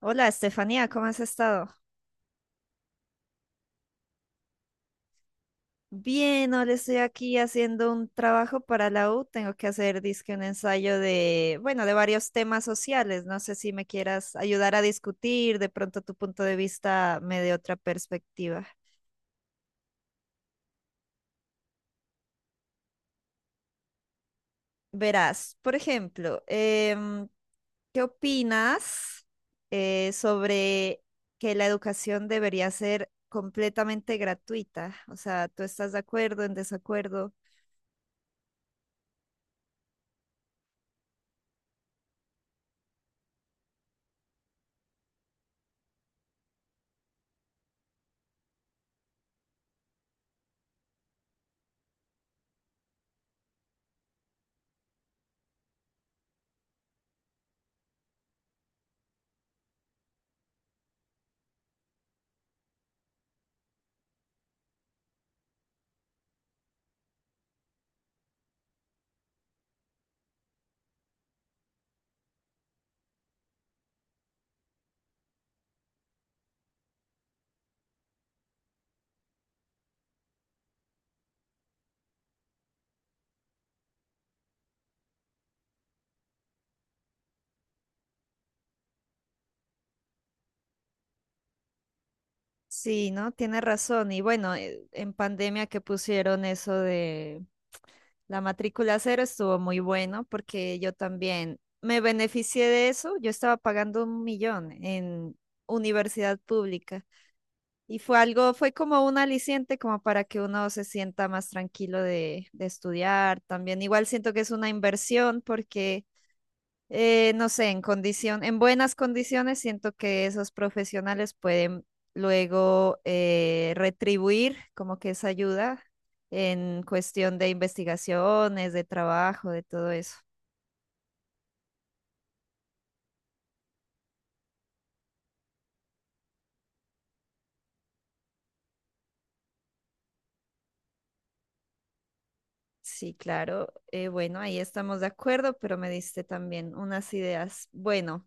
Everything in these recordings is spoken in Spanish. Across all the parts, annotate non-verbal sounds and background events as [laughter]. Hola, Estefanía, ¿cómo has estado? Bien, ahora estoy aquí haciendo un trabajo para la U. Tengo que hacer, dizque, un ensayo de, bueno, de varios temas sociales. No sé si me quieras ayudar a discutir, de pronto tu punto de vista me dé otra perspectiva. Verás, por ejemplo, ¿qué opinas sobre que la educación debería ser completamente gratuita? O sea, ¿tú estás de acuerdo, en desacuerdo? Sí, ¿no? Tiene razón. Y bueno, en pandemia que pusieron eso de la matrícula cero estuvo muy bueno porque yo también me beneficié de eso. Yo estaba pagando 1.000.000 en universidad pública y fue algo, fue como un aliciente como para que uno se sienta más tranquilo de estudiar. También igual siento que es una inversión porque no sé, en condición, en buenas condiciones, siento que esos profesionales pueden luego retribuir como que esa ayuda en cuestión de investigaciones, de trabajo, de todo eso. Sí, claro. Bueno, ahí estamos de acuerdo, pero me diste también unas ideas. Bueno,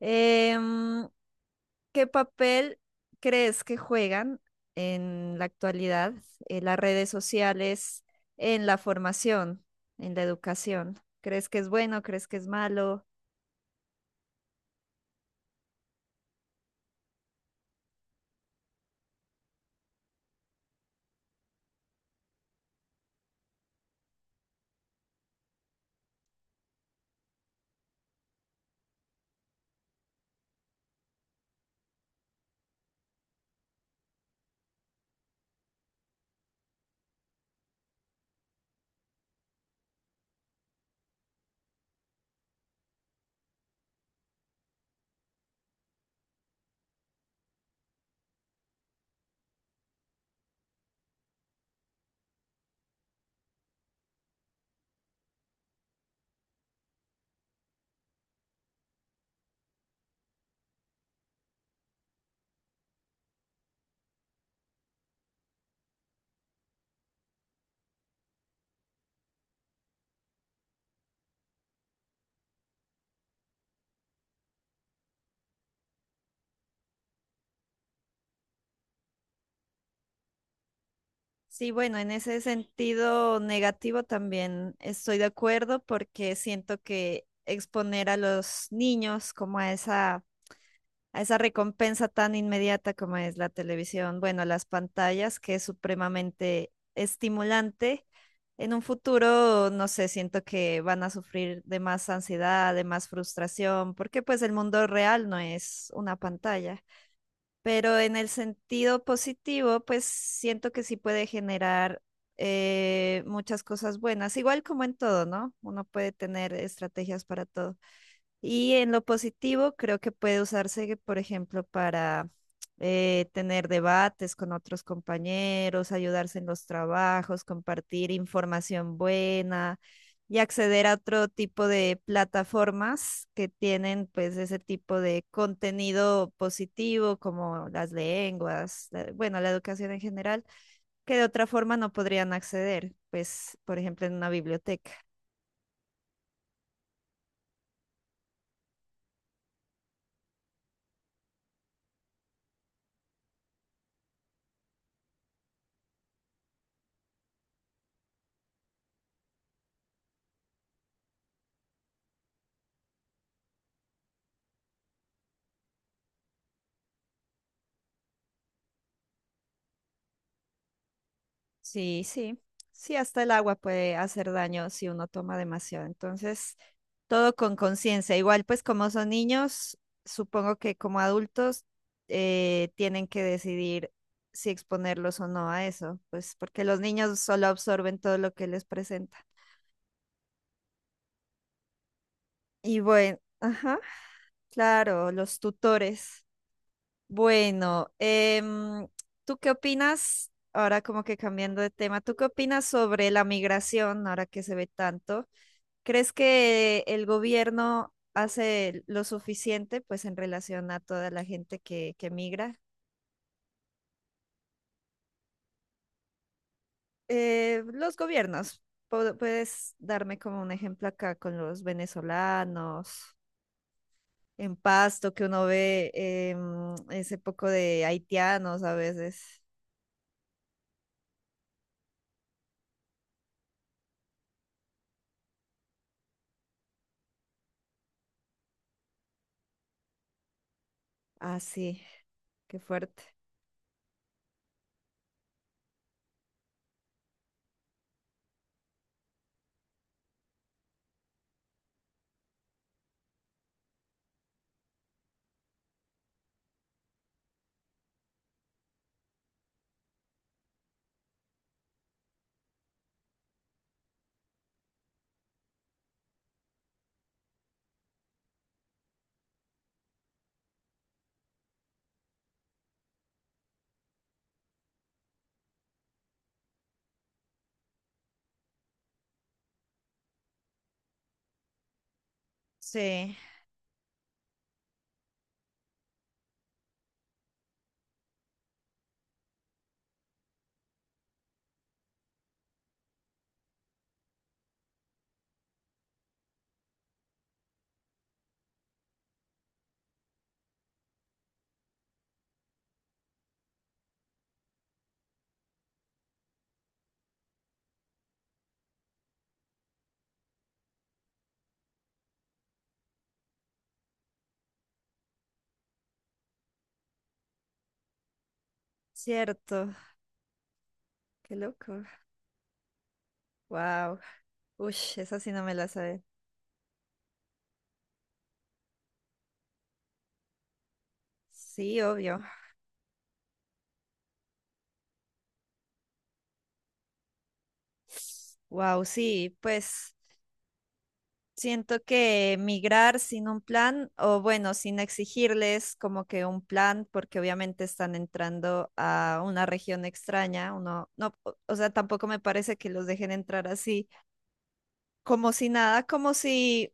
em, ¿qué papel crees que juegan en la actualidad las redes sociales en la formación, en la educación? ¿Crees que es bueno? ¿Crees que es malo? Sí, bueno, en ese sentido negativo también estoy de acuerdo porque siento que exponer a los niños como a esa recompensa tan inmediata como es la televisión, bueno, las pantallas, que es supremamente estimulante. En un futuro, no sé, siento que van a sufrir de más ansiedad, de más frustración, porque pues el mundo real no es una pantalla. Pero en el sentido positivo, pues siento que sí puede generar muchas cosas buenas, igual como en todo, ¿no? Uno puede tener estrategias para todo. Y en lo positivo, creo que puede usarse, por ejemplo, para tener debates con otros compañeros, ayudarse en los trabajos, compartir información buena y acceder a otro tipo de plataformas que tienen pues ese tipo de contenido positivo como las lenguas, bueno, la educación en general, que de otra forma no podrían acceder, pues, por ejemplo, en una biblioteca. Sí, sí, sí, hasta el agua puede hacer daño si uno toma demasiado. Entonces, todo con conciencia. Igual, pues como son niños, supongo que como adultos tienen que decidir si exponerlos o no a eso, pues porque los niños solo absorben todo lo que les presenta. Y bueno, ajá, claro, los tutores. Bueno, em, ¿tú qué opinas? Ahora como que cambiando de tema, ¿tú qué opinas sobre la migración ahora que se ve tanto? ¿Crees que el gobierno hace lo suficiente, pues, en relación a toda la gente que migra? Los gobiernos, puedes darme como un ejemplo acá con los venezolanos, en Pasto, que uno ve ese poco de haitianos a veces. Ah, sí, qué fuerte. Sí, cierto, qué loco. Wow. Uy, esa sí no me la sabe. Sí, obvio. Wow, sí, pues. Siento que migrar sin un plan, o bueno, sin exigirles como que un plan, porque obviamente están entrando a una región extraña, uno, no, o sea, tampoco me parece que los dejen entrar así, como si nada,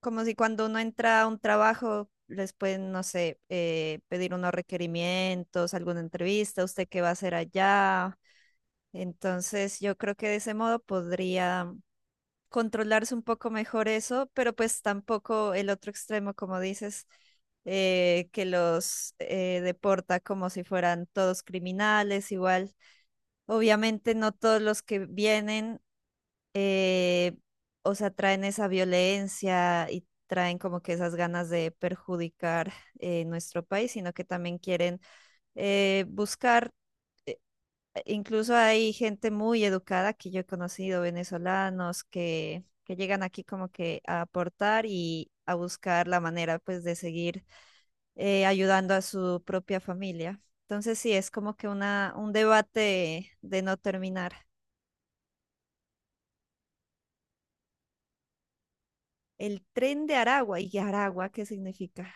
como si cuando uno entra a un trabajo les pueden, no sé, pedir unos requerimientos, alguna entrevista, usted qué va a hacer allá. Entonces, yo creo que de ese modo podría controlarse un poco mejor eso, pero pues tampoco el otro extremo, como dices, que los deporta como si fueran todos criminales, igual. Obviamente no todos los que vienen, eh, o sea, traen esa violencia y traen como que esas ganas de perjudicar nuestro país, sino que también quieren buscar. Incluso hay gente muy educada que yo he conocido, venezolanos, que llegan aquí como que a aportar y a buscar la manera pues de seguir ayudando a su propia familia. Entonces sí, es como que una, un debate de no terminar. El tren de Aragua, ¿y Aragua qué significa?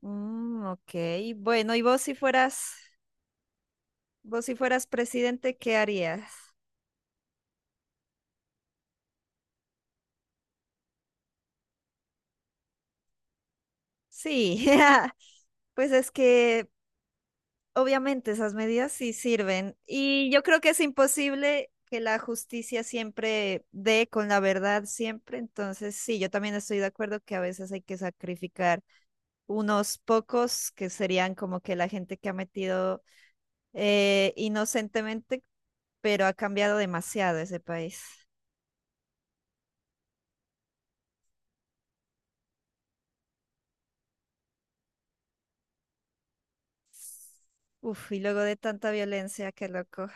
Mm, ok, bueno, y vos si fueras presidente, ¿qué harías? Sí, [laughs] pues es que obviamente esas medidas sí sirven y yo creo que es imposible que la justicia siempre dé con la verdad siempre, entonces sí, yo también estoy de acuerdo que a veces hay que sacrificar unos pocos que serían como que la gente que ha metido inocentemente, pero ha cambiado demasiado ese país. Uf, y luego de tanta violencia, qué loco.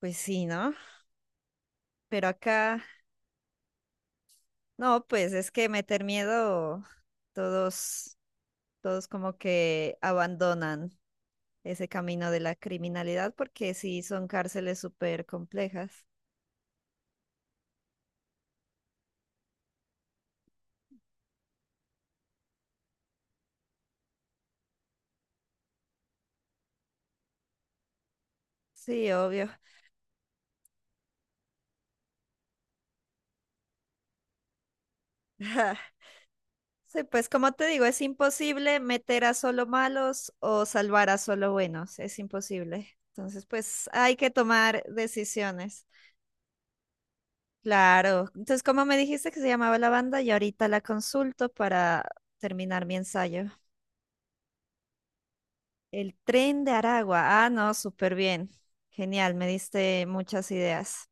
Pues sí, ¿no? Pero acá, no, pues es que meter miedo, todos todos como que abandonan ese camino de la criminalidad porque sí son cárceles súper complejas. Sí, obvio. [laughs] Sí, pues como te digo, es imposible meter a solo malos o salvar a solo buenos, es imposible. Entonces, pues hay que tomar decisiones. Claro. Entonces, ¿como me dijiste que se llamaba la banda? Y ahorita la consulto para terminar mi ensayo. El tren de Aragua. Ah, no, súper bien. Genial, me diste muchas ideas.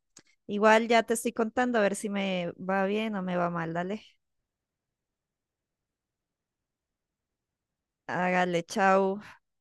Igual ya te estoy contando a ver si me va bien o me va mal. Dale. Hágale, chau.